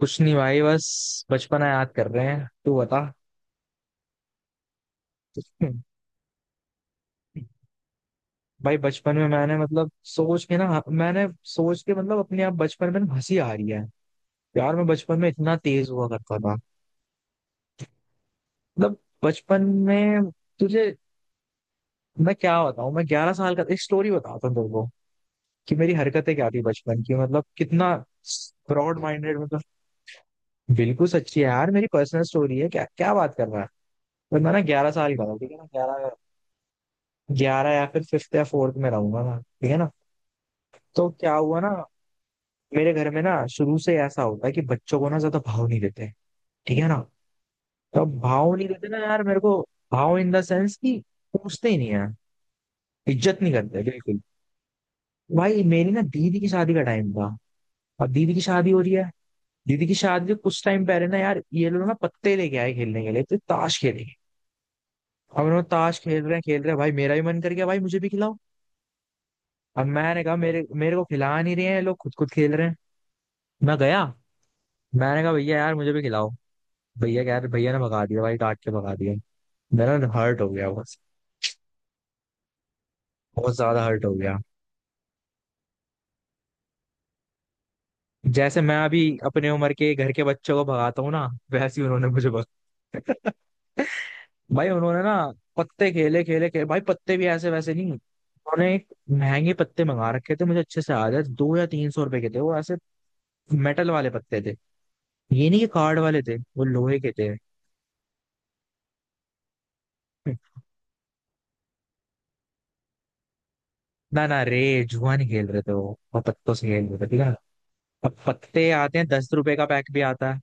कुछ नहीं भाई, बस बचपना याद कर रहे हैं। तू बता। भाई बचपन में मैंने मतलब सोच के ना, मैंने सोच के, मतलब अपने आप बचपन में ना हंसी आ रही है यार। मैं बचपन में इतना तेज हुआ करता था। मतलब बचपन में तुझे मैं क्या बताऊं, मैं 11 साल का, एक स्टोरी बताता हूँ तुमको कि मेरी हरकतें क्या थी बचपन की, मतलब कितना ब्रॉड माइंडेड। मतलब बिल्कुल सच्ची है यार, मेरी पर्सनल स्टोरी है, क्या क्या बात कर रहा है। पर मैं ना 11 साल का था, ठीक है ना। ग्यारह, ग्यारह या फिर फिफ्थ या फोर्थ में रहूंगा मैं, ठीक है ना। तो क्या हुआ ना, मेरे घर में ना शुरू से ऐसा होता है कि बच्चों को ना ज्यादा भाव नहीं देते, ठीक है ना। तो अब भाव नहीं देते ना यार मेरे को। भाव इन द सेंस कि पूछते ही नहीं है, इज्जत नहीं करते बिल्कुल। भाई मेरी ना दीदी की शादी का टाइम था। अब दीदी की शादी हो रही है। दीदी की शादी से कुछ टाइम पहले ना यार ये लोग ना पत्ते लेके आए खेलने के लिए, तो ताश खेलेंगे। अब उन्होंने, ताश खेल रहे हैं खेल रहे हैं, भाई मेरा भी मन कर गया, भाई मुझे भी खिलाओ। अब मैंने कहा मेरे मेरे को खिला नहीं रहे हैं ये लोग, खुद खुद खेल रहे हैं। मैं गया, मैंने कहा भैया यार मुझे भी खिलाओ। भैया कह रहे, भैया ने भगा दिया भाई, काट के भगा दिया। मेरा हर्ट हो गया बहुत, बहुत ज्यादा हर्ट हो गया। जैसे मैं अभी अपने उम्र के घर के बच्चों को भगाता हूँ ना, वैसे ही उन्होंने मुझे भगा। भाई उन्होंने ना पत्ते खेले खेले खेले, भाई पत्ते भी ऐसे वैसे नहीं, उन्होंने एक महंगे पत्ते मंगा रखे थे, मुझे अच्छे से याद है, दो या 300 रुपए के थे वो, ऐसे मेटल वाले पत्ते थे। ये नहीं कि कार्ड वाले थे, वो लोहे के थे। ना ना रे, जुआ नहीं खेल रहे थे वो पत्तों से खेल रहे थे, ठीक है ना। अब पत्ते आते हैं 10 रुपए का पैक भी आता।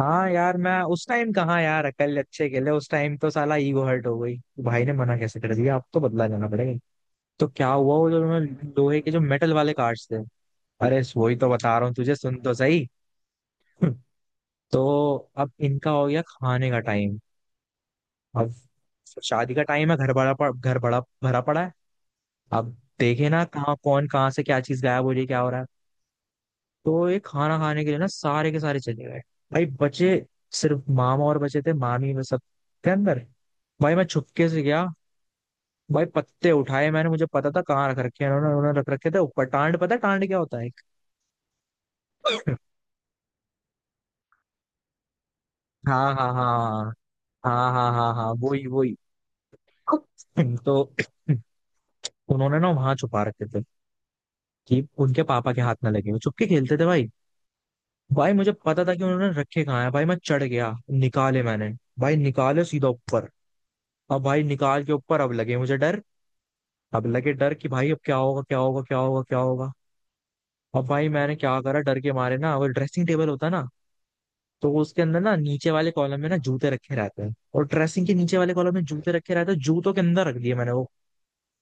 हाँ यार, मैं उस टाइम कहाँ यार कल अच्छे खेले, उस टाइम तो साला ईगो हर्ट हो गई। भाई ने मना कैसे कर दिया, अब तो बदला लेना पड़ेगा। तो क्या हुआ, वो जो लोहे के जो मेटल वाले कार्ड्स थे। अरे वही तो बता रहा हूँ तुझे, सुन तो सही। तो अब इनका हो गया खाने का टाइम। अब शादी का टाइम है, घर बड़ा घर बड़ा भरा पड़ा है। अब देखे ना कहाँ कौन कहाँ से क्या चीज गायब हो रही है क्या हो रहा है। तो ये खाना खाने के लिए ना सारे के सारे चले गए। भाई बचे सिर्फ मामा, और बचे थे मामी, में सब के अंदर। भाई मैं छुपके से गया, भाई पत्ते उठाए मैंने, मुझे पता था कहाँ रख रखे हैं उन्होंने उन्होंने रख रखे थे ऊपर टांड, पता है टांड क्या होता है। हाँ हाँ हाँ। हाँ हाँ हाँ हाँ, वही वही। तो उन्होंने ना वहां छुपा रखे थे कि उनके पापा के हाथ ना लगे, वो चुपके खेलते थे भाई। भाई मुझे पता था कि उन्होंने रखे कहाँ है, भाई मैं चढ़ गया, निकाले मैंने। भाई निकाले सीधा ऊपर, अब भाई निकाल के ऊपर अब लगे मुझे डर। अब लगे डर कि भाई अब क्या होगा क्या होगा क्या होगा क्या होगा। अब भाई मैंने क्या करा, डर के मारे ना, वो ड्रेसिंग टेबल होता है ना, तो उसके अंदर ना नीचे वाले कॉलम में ना जूते रखे रहते हैं, और ड्रेसिंग के नीचे वाले कॉलम में जूते रखे रहते हैं, जूतों के अंदर रख दिए मैंने वो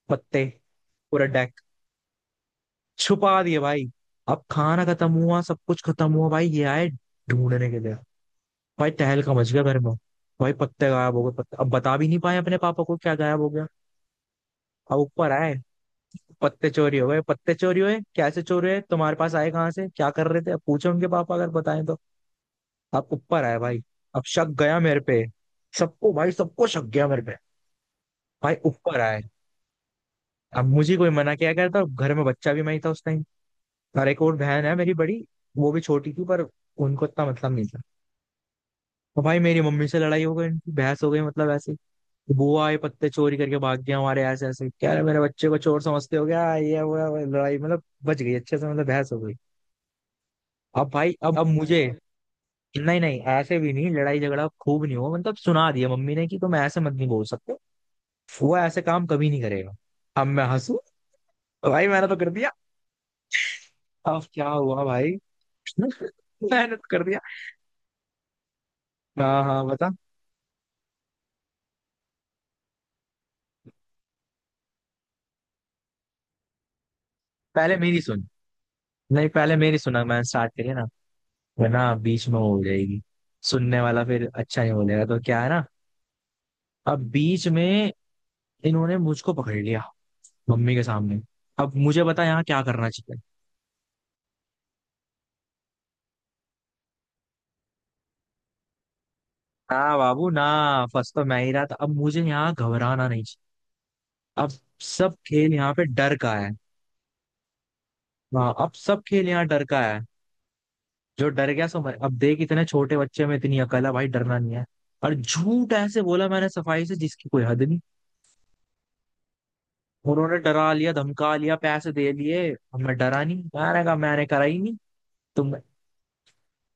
पत्ते। पूरा डेक छुपा दिए भाई। अब खाना खत्म हुआ सब कुछ खत्म हुआ, भाई ये आए ढूंढने के लिए। भाई तहलका मच गया घर में। भाई पत्ते गायब हो गए, पत्ते अब बता भी नहीं पाए अपने पापा को क्या गायब हो गया। अब ऊपर आए, पत्ते चोरी हो गए, पत्ते चोरी हुए कैसे चोरी हुए, तुम्हारे पास आए कहाँ से, क्या कर रहे थे, अब पूछे उनके पापा, अगर बताएं तो। अब ऊपर आए भाई, अब शक गया मेरे पे, सबको भाई सबको शक गया मेरे पे। भाई ऊपर आए। अब मुझे कोई मना क्या करता, घर में बच्चा भी मैं ही था उस टाइम। और एक और बहन है मेरी बड़ी, वो भी छोटी थी पर उनको इतना मतलब नहीं था। तो भाई मेरी मम्मी से लड़ाई हो गई, इनकी बहस हो गई, मतलब ऐसे ही। बुआ ये पत्ते चोरी करके भाग गया हमारे ऐसे ऐसे, क्या रे मेरे बच्चे को चोर समझते हो क्या, ये वो है, लड़ाई मतलब बच गई अच्छे से, मतलब बहस हो गई। अब भाई अब मुझे, नहीं नहीं ऐसे भी नहीं, लड़ाई झगड़ा खूब नहीं हुआ, मतलब सुना दिया मम्मी ने कि तुम ऐसे मत, नहीं बोल सकते, वो ऐसे काम कभी नहीं करेगा। अब मैं हंसू, भाई मैंने तो कर दिया। अब क्या हुआ भाई। मेहनत कर दिया। हाँ हाँ, बता। पहले मेरी सुन, नहीं पहले मेरी सुना, मैंने स्टार्ट करी ना, वरना बीच में वो हो जाएगी, सुनने वाला फिर अच्छा नहीं बोलेगा, तो क्या है ना। अब बीच में इन्होंने मुझको पकड़ लिया मम्मी के सामने। अब मुझे बता यहाँ क्या करना चाहिए। ना बाबू ना, फर्स्ट तो मैं ही रहा था, अब मुझे यहाँ घबराना नहीं चाहिए। अब सब खेल यहाँ पे डर का है। हाँ, अब सब खेल यहाँ डर का है। जो डर गया सो मर। अब देख इतने छोटे बच्चे में इतनी अकल है, भाई डरना नहीं है। और झूठ ऐसे बोला मैंने सफाई से जिसकी कोई हद नहीं। उन्होंने डरा लिया, धमका लिया, पैसे दे लिए, अब मैं डरा नहीं, मैंने कहा मैंने करा ही नहीं। तुम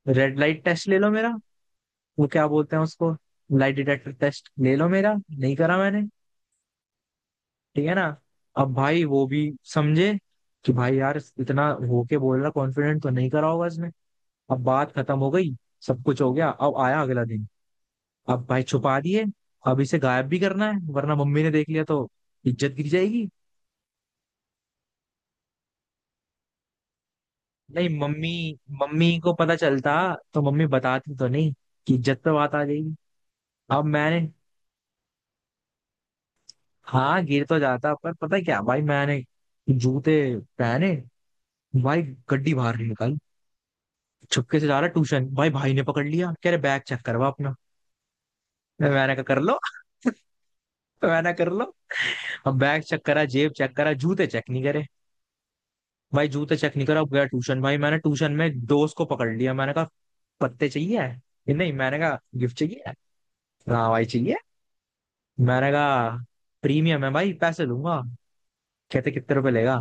रेड लाइट टेस्ट ले लो मेरा, वो क्या बोलते हैं उसको, लाइट डिटेक्टर टेस्ट ले लो मेरा। नहीं करा मैंने, ठीक है ना। अब भाई वो भी समझे कि भाई यार इतना होके बोल रहा कॉन्फिडेंट, तो नहीं करा होगा इसने। अब बात खत्म हो गई, सब कुछ हो गया, अब आया अगला दिन। अब भाई छुपा दिए, अब इसे गायब भी करना है, वरना मम्मी ने देख लिया तो इज्जत गिर जाएगी। नहीं मम्मी मम्मी को पता चलता तो मम्मी बताती तो नहीं, कि इज्जत पे बात आ जाएगी। अब मैंने, हाँ गिर तो जाता पर पता है क्या भाई, मैंने जूते पहने भाई, गड्डी बाहर निकाली, छुपके से जा रहा ट्यूशन, भाई भाई ने पकड़ लिया, कह रहे बैग चेक करवा अपना। मैंने कहा कर लो। मैंने कहा, कर लो। अब बैग चेक करा, जेब चेक करा, जूते चेक नहीं करे। भाई जूते चेक नहीं करा, गया ट्यूशन, भाई मैंने ट्यूशन में दोस्त को पकड़ लिया, मैंने कहा पत्ते चाहिए। ये नहीं, मैंने कहा गिफ्ट चाहिए। हाँ भाई चाहिए, मैंने कहा प्रीमियम है भाई, पैसे दूंगा। कहते कितने रुपए लेगा,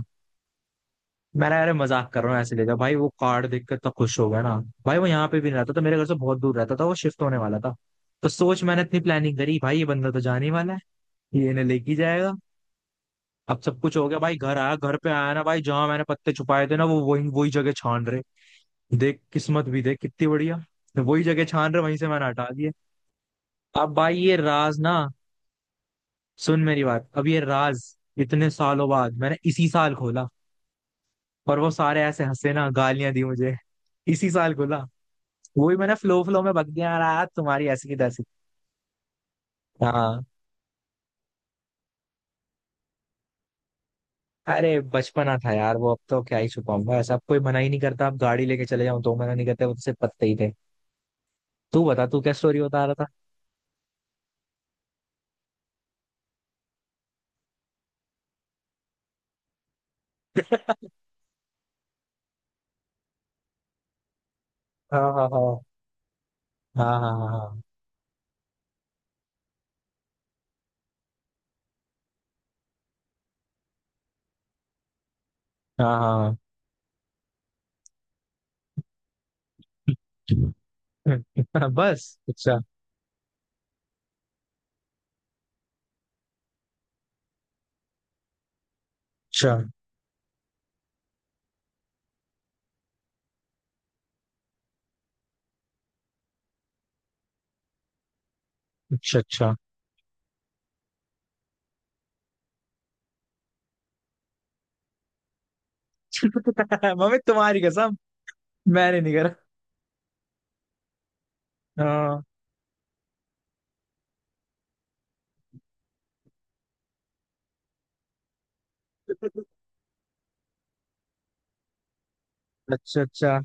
मैंने कहा, अरे मजाक कर रहा हूँ, ऐसे ले जाओ। भाई वो कार्ड देख के इतना खुश हो गया ना। भाई वो यहाँ पे भी नहीं रहता था, मेरे घर से बहुत दूर रहता था, वो शिफ्ट होने वाला था। तो सोच मैंने इतनी प्लानिंग करी, भाई ये बंदा तो जाने वाला है, ये इन्हें लेके जाएगा। अब सब कुछ हो गया भाई, घर आया, घर पे आया ना भाई, जहां मैंने पत्ते छुपाए थे ना, वो वही वही जगह छान रहे। देख किस्मत भी देख कितनी बढ़िया, वही जगह छान रहे, वहीं से मैंने हटा दिए। अब भाई ये राज ना, सुन मेरी बात, अब ये राज इतने सालों बाद मैंने इसी साल खोला। और वो सारे ऐसे हंसे ना, गालियां दी मुझे। इसी साल खोला, वही मैंने फ्लो फ्लो में बक दिया यार, तुम्हारी ऐसी की तैसी। हाँ, अरे बचपना था यार वो, अब तो क्या ही छुपाऊंगा ऐसा, अब कोई मना ही नहीं करता, अब गाड़ी लेके चले जाऊं तो मना नहीं करते, वो तो सिर्फ पत्ते ही थे। तू बता, तू क्या स्टोरी बता रहा था। हाँ हाँ हाँ हाँ। हाँ हाँ हाँ हाँ। हाँ। बस अच्छा। अच्छा अच्छा अच्छा। मम्मी तुम्हारी कसम, मैंने नहीं करा। हाँ अच्छा अच्छा।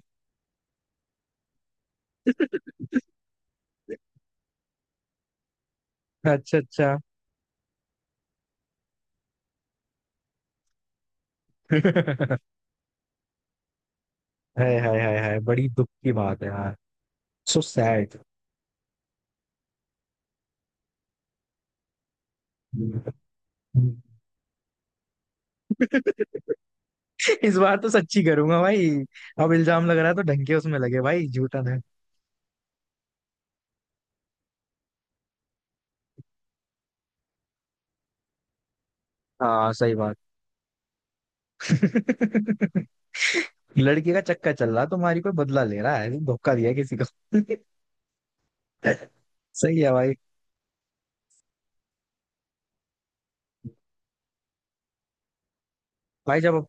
अच्छा अच्छा। हाय हाय हाय हाय, बड़ी दुख की बात है यार, सो सैड। इस बार तो सच्ची करूंगा भाई। अब इल्जाम लग रहा है तो ढंग के उसमें लगे, भाई झूठा है। हाँ सही बात। लड़की का चक्कर चल रहा तुम्हारी, कोई बदला ले रहा है, धोखा दिया किसी को। सही है भाई। भाई जब,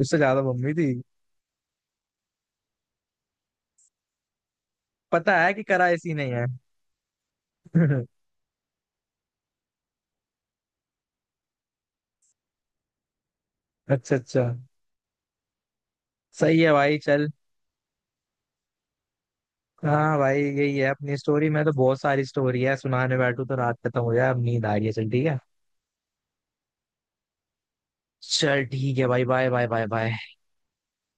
उससे ज्यादा मम्मी थी, पता है कि करा ऐसी नहीं है। अच्छा अच्छा। सही है भाई, चल। हाँ भाई यही है, अपनी स्टोरी में तो बहुत सारी स्टोरी है, सुनाने बैठू तो रात खत्म हो जाए, अब नींद आ रही है, चल ठीक है। चल ठीक है भाई, बाय बाय बाय बाय।